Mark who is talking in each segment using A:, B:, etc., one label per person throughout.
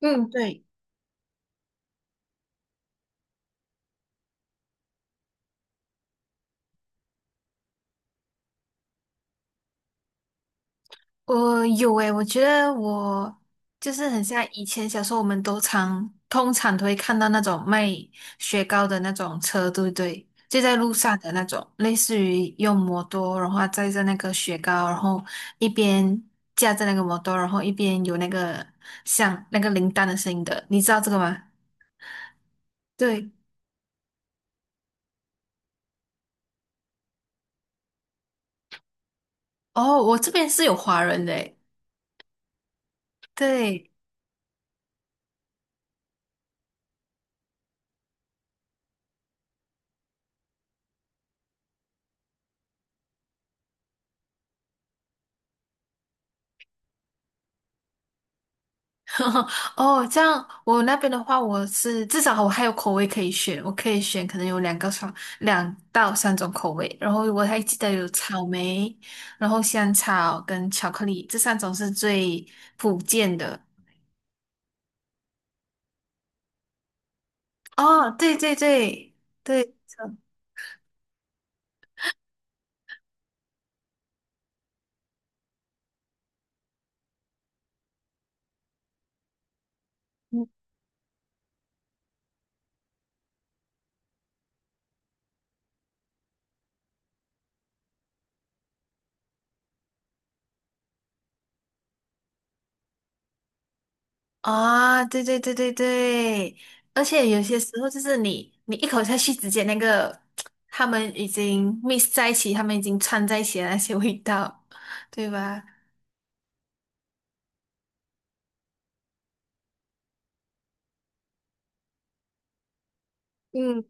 A: 嗯，对，我有诶，我觉得我就是很像以前小时候，我们都通常都会看到那种卖雪糕的那种车，对不对？就在路上的那种，类似于用摩托，然后载着那个雪糕，然后一边架着那个摩托，然后一边有那个像那个铃铛的声音的，你知道这个吗？对，哦，我这边是有华人的诶，对。哦，这样我那边的话，我是至少我还有口味可以选，我可以选可能有两个双2到3种口味，然后我还记得有草莓，然后香草跟巧克力这三种是最普遍的。哦，对对对对，嗯啊，对对对对对，而且有些时候就是你一口下去，直接那个他们已经 mix 在一起，他们已经串在一起的那些味道，对吧？嗯。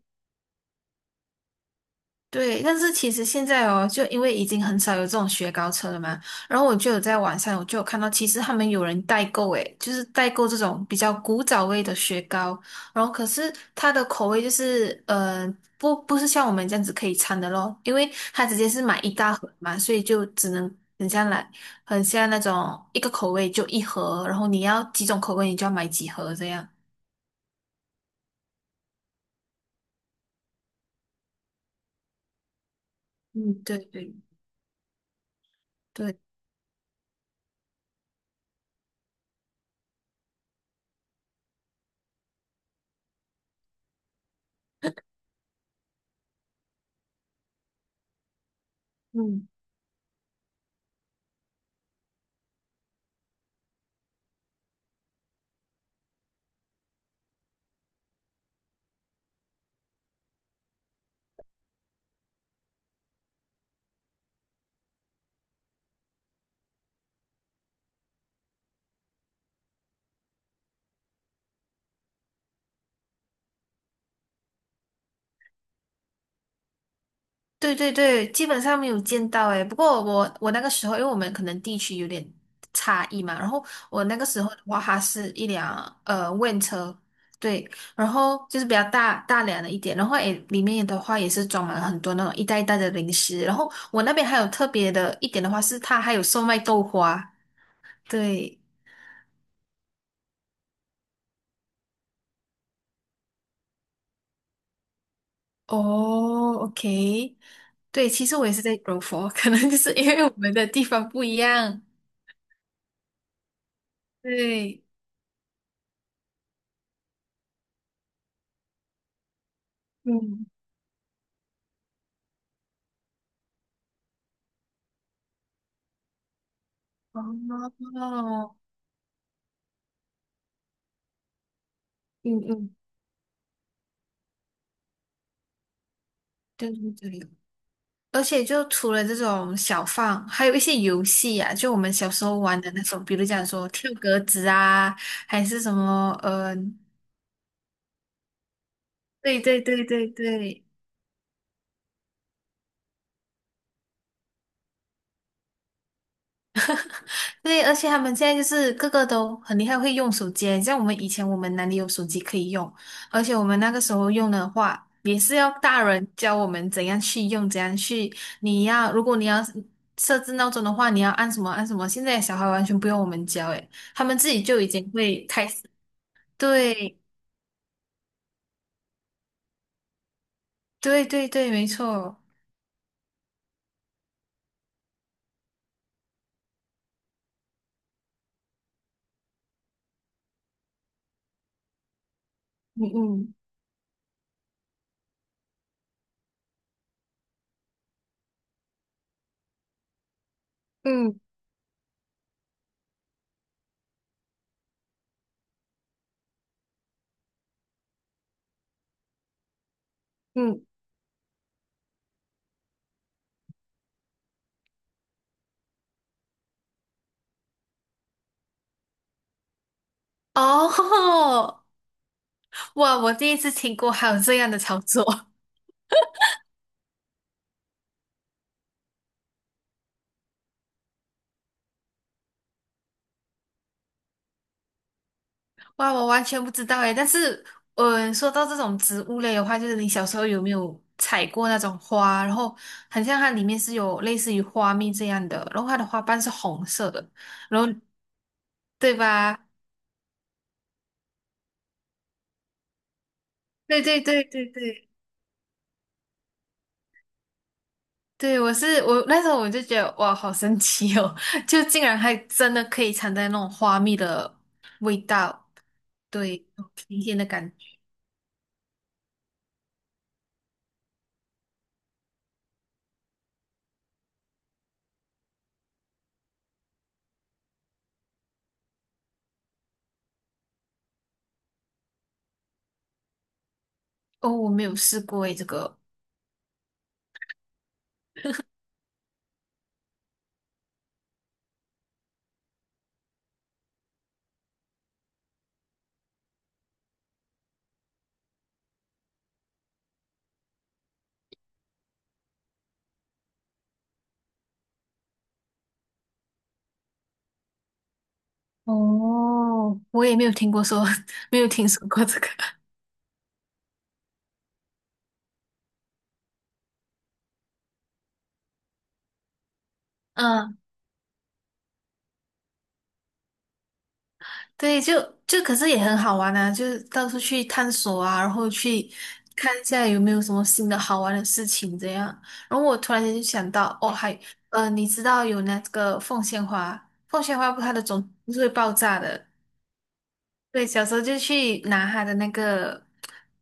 A: 对，但是其实现在哦，就因为已经很少有这种雪糕车了嘛，然后我就有在网上，我就有看到，其实他们有人代购，诶，就是代购这种比较古早味的雪糕，然后可是它的口味就是，不是像我们这样子可以掺的咯，因为它直接是买一大盒嘛，所以就只能很像来，很像那种一个口味就一盒，然后你要几种口味，你就要买几盒这样。嗯，对对对，嗯。对对对，基本上没有见到诶。不过我那个时候，因为我们可能地区有点差异嘛，然后我那个时候的话，它是一辆van 车，对，然后就是比较大大辆的一点，然后诶里面的话也是装满了很多那种一袋一袋的零食，然后我那边还有特别的一点的话是它还有售卖豆花，对，哦，OK，对，其实我也是在柔佛，可能就是因为我们的地方不一样，对。嗯。哦，嗯嗯，对对对，而且就除了这种小放，还有一些游戏啊，就我们小时候玩的那种，比如讲说跳格子啊，还是什么，嗯、对对对对对，对，而且他们现在就是个个都很厉害，会用手机。像我们以前，我们哪里有手机可以用？而且我们那个时候用的话，也是要大人教我们怎样去用，怎样去。你要，如果你要设置闹钟的话，你要按什么按什么。现在小孩完全不用我们教，诶，他们自己就已经会开始。对，对，对，对，没错。嗯嗯嗯嗯。哦，哇！我第一次听过还有这样的操作。哇，我完全不知道诶，但是，嗯，说到这种植物类的话，就是你小时候有没有采过那种花？然后，很像它里面是有类似于花蜜这样的，然后它的花瓣是红色的，然后对吧？对对对对对。对，我那时候我就觉得哇，好神奇哦，就竟然还真的可以尝在那种花蜜的味道，对，新鲜的感觉。哦，我没有试过诶，这个哦，我也没有听过说，没有听说过这个。嗯，对，就可是也很好玩啊，就是到处去探索啊，然后去看一下有没有什么新的好玩的事情这样。然后我突然间就想到，哦，还你知道有那个凤仙花，凤仙花不它的种子不是会爆炸的？对，小时候就去拿它的那个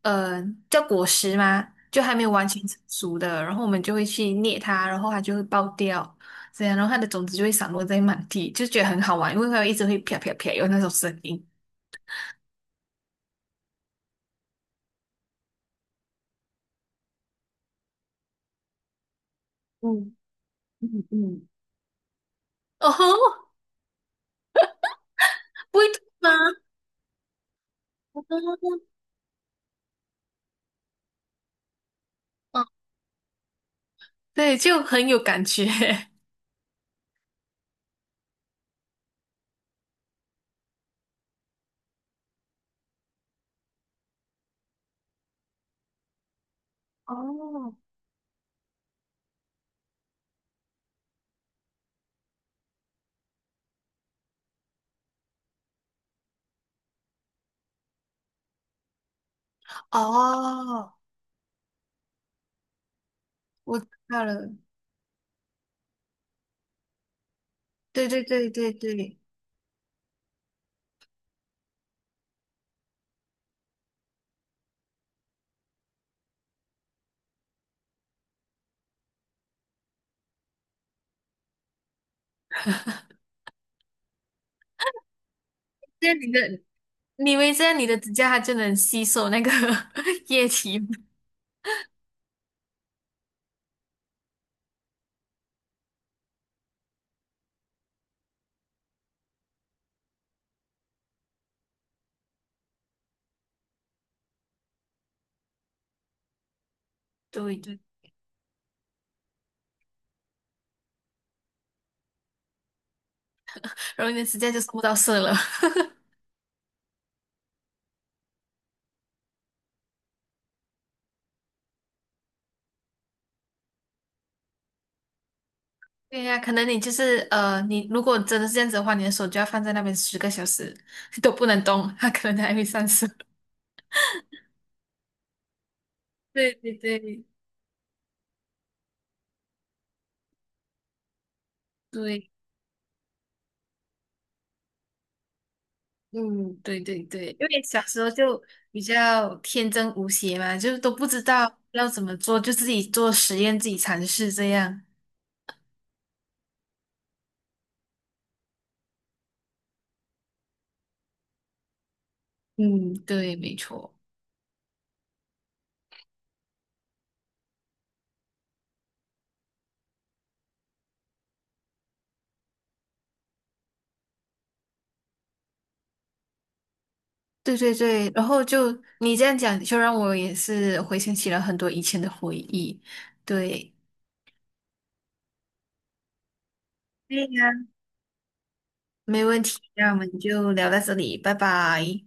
A: 呃叫果实嘛，就还没有完全成熟的，然后我们就会去捏它，然后它就会爆掉。这样，然后它的种子就会散落在满地，就觉得很好玩，因为它一直会啪啪啪有那种声音。嗯嗯嗯，哦吼，不会痛吗？嗯，对，就很有感觉。哦哦，我知道了，对对对对对，这样你的，你以为这样你的指甲它就能吸收那个 液体吗，对对，然后你的指甲就收不到色了。对呀、可能你就是你如果真的是这样子的话，你的手就要放在那边10个小时都不能动，它可能还会上色。对对对对，嗯，对对对，因为小时候就比较天真无邪嘛，就都不知道要怎么做，就自己做实验，自己尝试这样。嗯，对，没错，对对对。然后就你这样讲，就让我也是回想起了很多以前的回忆。对，对呀，没问题。那我们就聊到这里，拜拜。